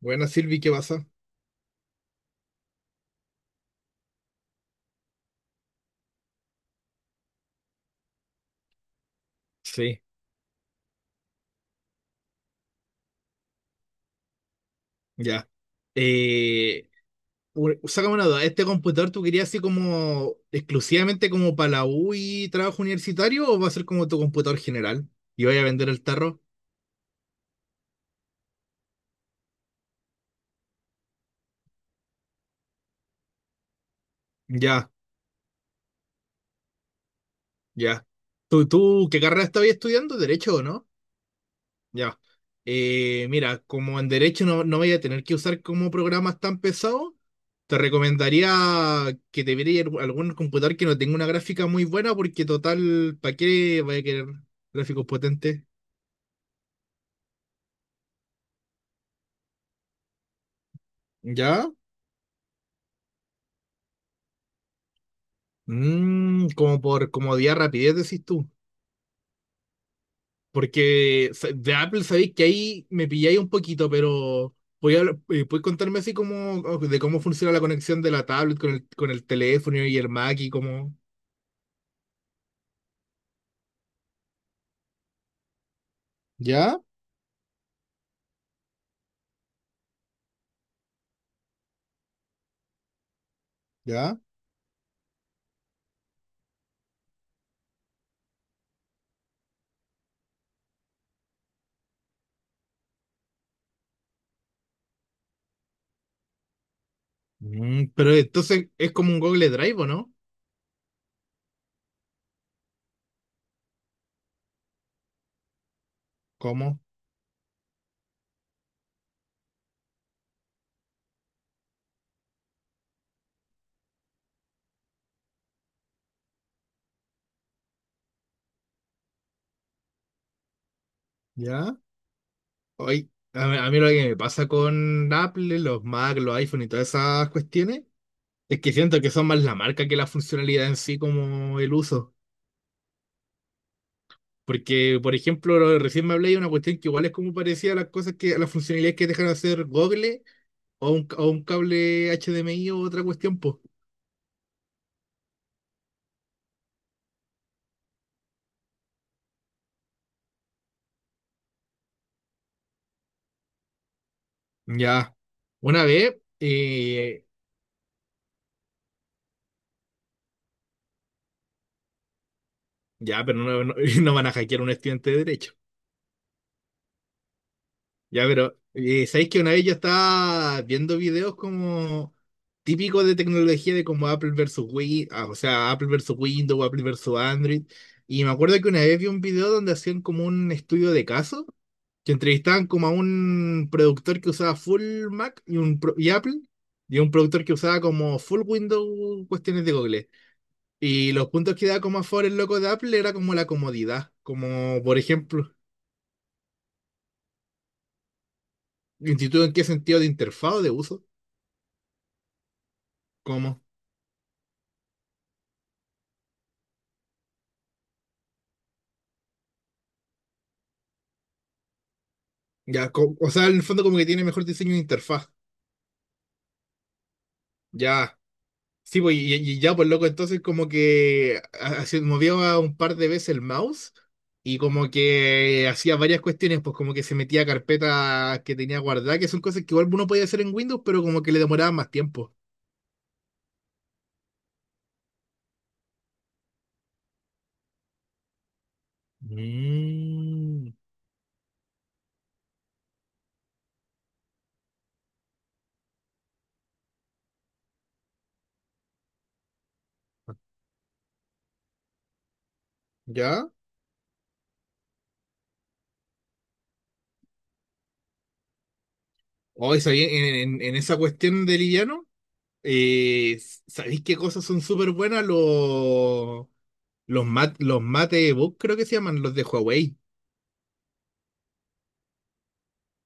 Buena Silvi, ¿qué pasa? Sí, ya. Eh, Sácame una duda, ¿este computador tú querías así como exclusivamente como para la U y trabajo universitario o va a ser como tu computador general? ¿Y vaya a vender el tarro? Ya, ya. ¿Tú qué carrera estabas estudiando? ¿Derecho o no? Ya. Mira, como en derecho no, no voy a tener que usar como programas tan pesados, te recomendaría que te vieras algún computador que no tenga una gráfica muy buena, porque total, ¿para qué vaya a querer gráficos potentes? ¿Ya? Como por comodidad, rapidez, decís tú. Porque de Apple sabéis que ahí me pilláis un poquito, pero ¿puedes contarme así como o de cómo funciona la conexión de la tablet con el teléfono y el Mac y cómo... ¿Ya? ¿Ya? Pero entonces es como un Google Drive, ¿o no? ¿Cómo? ¿Ya? Hoy, a mí lo que me pasa con Apple, los Mac, los iPhone y todas esas cuestiones, es que siento que son más la marca que la funcionalidad en sí como el uso. Porque, por ejemplo, recién me hablé de una cuestión que igual es como parecía a las cosas a las funcionalidades que dejan de hacer Google o un cable HDMI o otra cuestión, pues. Ya. Una vez, ya, pero no, no, no van a hackear a un estudiante de derecho. Ya, pero ¿sabéis que una vez yo estaba viendo videos como típicos de tecnología de como Apple versus o sea, Apple versus Windows, Apple versus Android, y me acuerdo que una vez vi un video donde hacían como un estudio de caso, que entrevistaban como a un productor que usaba full Mac y y Apple, y un productor que usaba como full Windows cuestiones de Google. Y los puntos que daba como a favor el loco de Apple era como la comodidad, como por ejemplo, ¿instituto en qué sentido de interfaz o de uso? ¿Cómo? Ya, o sea, en el fondo como que tiene mejor diseño de interfaz. Ya. Sí, pues, y ya, pues loco, entonces como que movió a un par de veces el mouse y como que hacía varias cuestiones, pues como que se metía a carpetas que tenía guardadas, que son cosas que igual uno podía hacer en Windows, pero como que le demoraban más tiempo. Mm, ¿Ya? Hoy, ¿sabéis? En esa cuestión de liviano, eh, ¿sabéis qué cosas son súper buenas? Los matebook creo que se llaman, los de Huawei.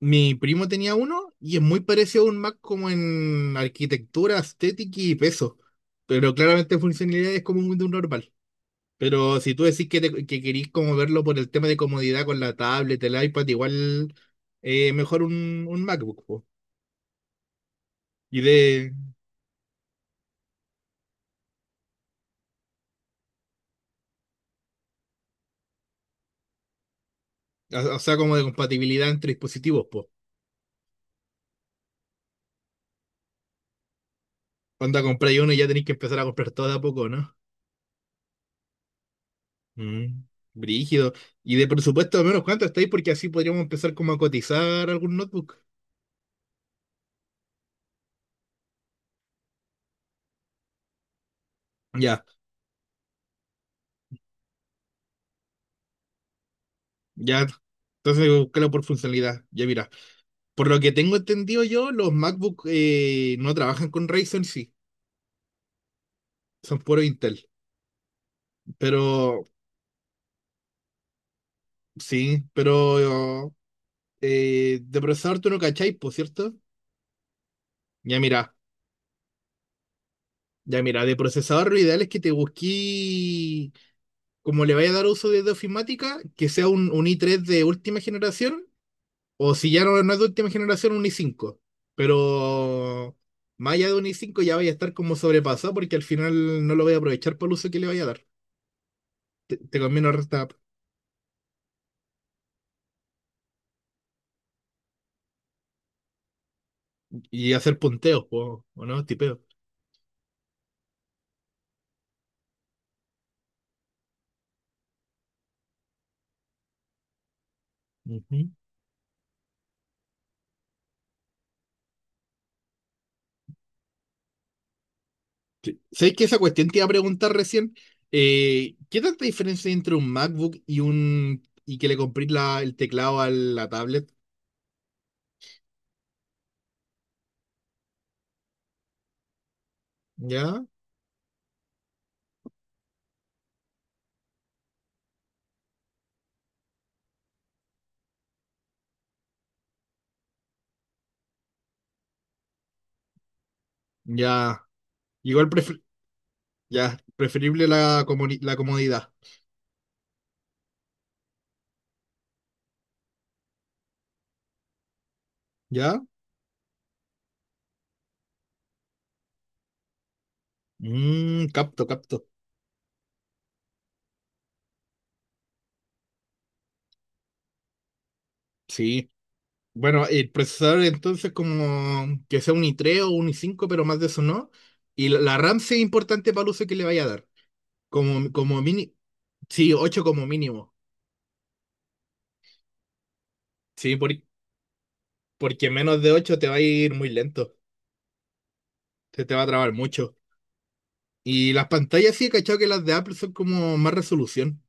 Mi primo tenía uno y es muy parecido a un Mac como en arquitectura, estética y peso. Pero claramente funcionalidad es como un Windows normal. Pero si tú decís que, que querís como verlo por el tema de comodidad con la tablet, el iPad, igual mejor un MacBook, po. Y de, o sea, como de compatibilidad entre dispositivos, po. Cuando compráis uno y ya tenéis que empezar a comprar todo de a poco, ¿no? Mm, brígido. Y de presupuesto, al menos cuánto estáis, porque así podríamos empezar como a cotizar algún notebook. Ya. Ya, entonces búscalo por funcionalidad. Ya mira, por lo que tengo entendido yo, los MacBook no trabajan con Ryzen, sí, son puro Intel. Pero, sí, pero de procesador tú no cacháis, por cierto. Ya mira, ya mira, de procesador lo ideal es que te busqué, como le vaya a dar uso de ofimática, que sea un i3 de última generación. O si ya no, no es de última generación, un i5. Pero más allá de un i5 ya vaya a estar como sobrepasado porque al final no lo voy a aprovechar por el uso que le vaya a dar. Te conviene ahorrar y hacer punteos, po. O no, tipeo. Ujú. Sí. ¿Sabes que esa cuestión te iba a preguntar recién? ¿Qué tanta diferencia hay entre un MacBook y un y que le compré el teclado a la tablet? ¿Ya? Ya. Igual prefer- ya, preferible la comodidad. ¿Ya? Mm, capto, capto. Sí. Bueno, el procesador entonces como que sea un i3 o un i5, pero más de eso no. Y la RAM sí es importante para el uso que le vaya a dar. Como mini, sí, 8 como mínimo. Sí, porque menos de 8 te va a ir muy lento. Se te va a trabar mucho. Y las pantallas sí, he cachado que las de Apple son como más resolución,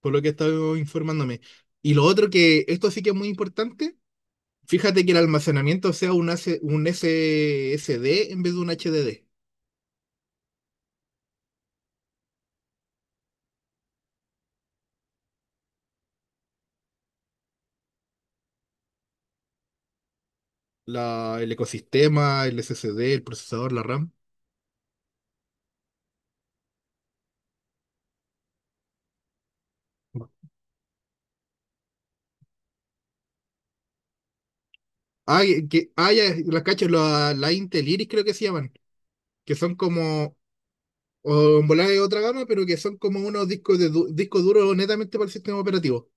por lo que he estado informándome. Y lo otro que, esto sí que es muy importante, fíjate que el almacenamiento sea un, AC, un SSD en vez de un HDD. La, el ecosistema, el S S D, el procesador, la RAM. Ya, las cachas, la Intel Iris creo que se llaman, que son como, o en volada de otra gama, pero que son como unos discos disco duro netamente para el sistema operativo.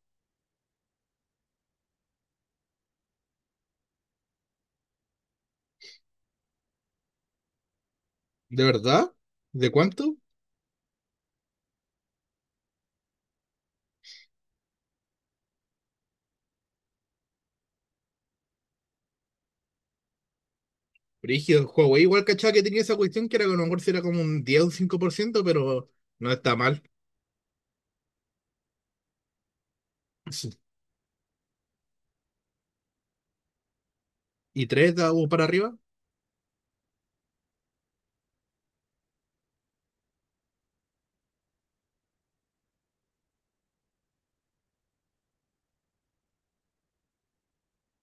¿De verdad? ¿De cuánto? Brígido, Huawei igual cachaba que tenía esa cuestión que era que a lo mejor si era como un 10 o un 5%, pero no está mal. Sí. ¿Y 3 o para arriba?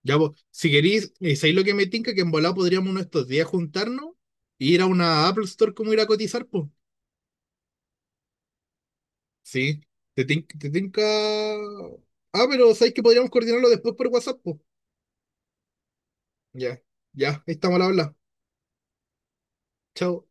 Ya, vos, si querís ¿sabéis lo que me tinca? Que en volado podríamos uno de estos días juntarnos y ir a una Apple Store como ir a cotizar, pues. Sí, te tinca. Ah, pero ¿sabéis que podríamos coordinarlo después por WhatsApp, pues? Ya, ya, ahí estamos al habla. Chao.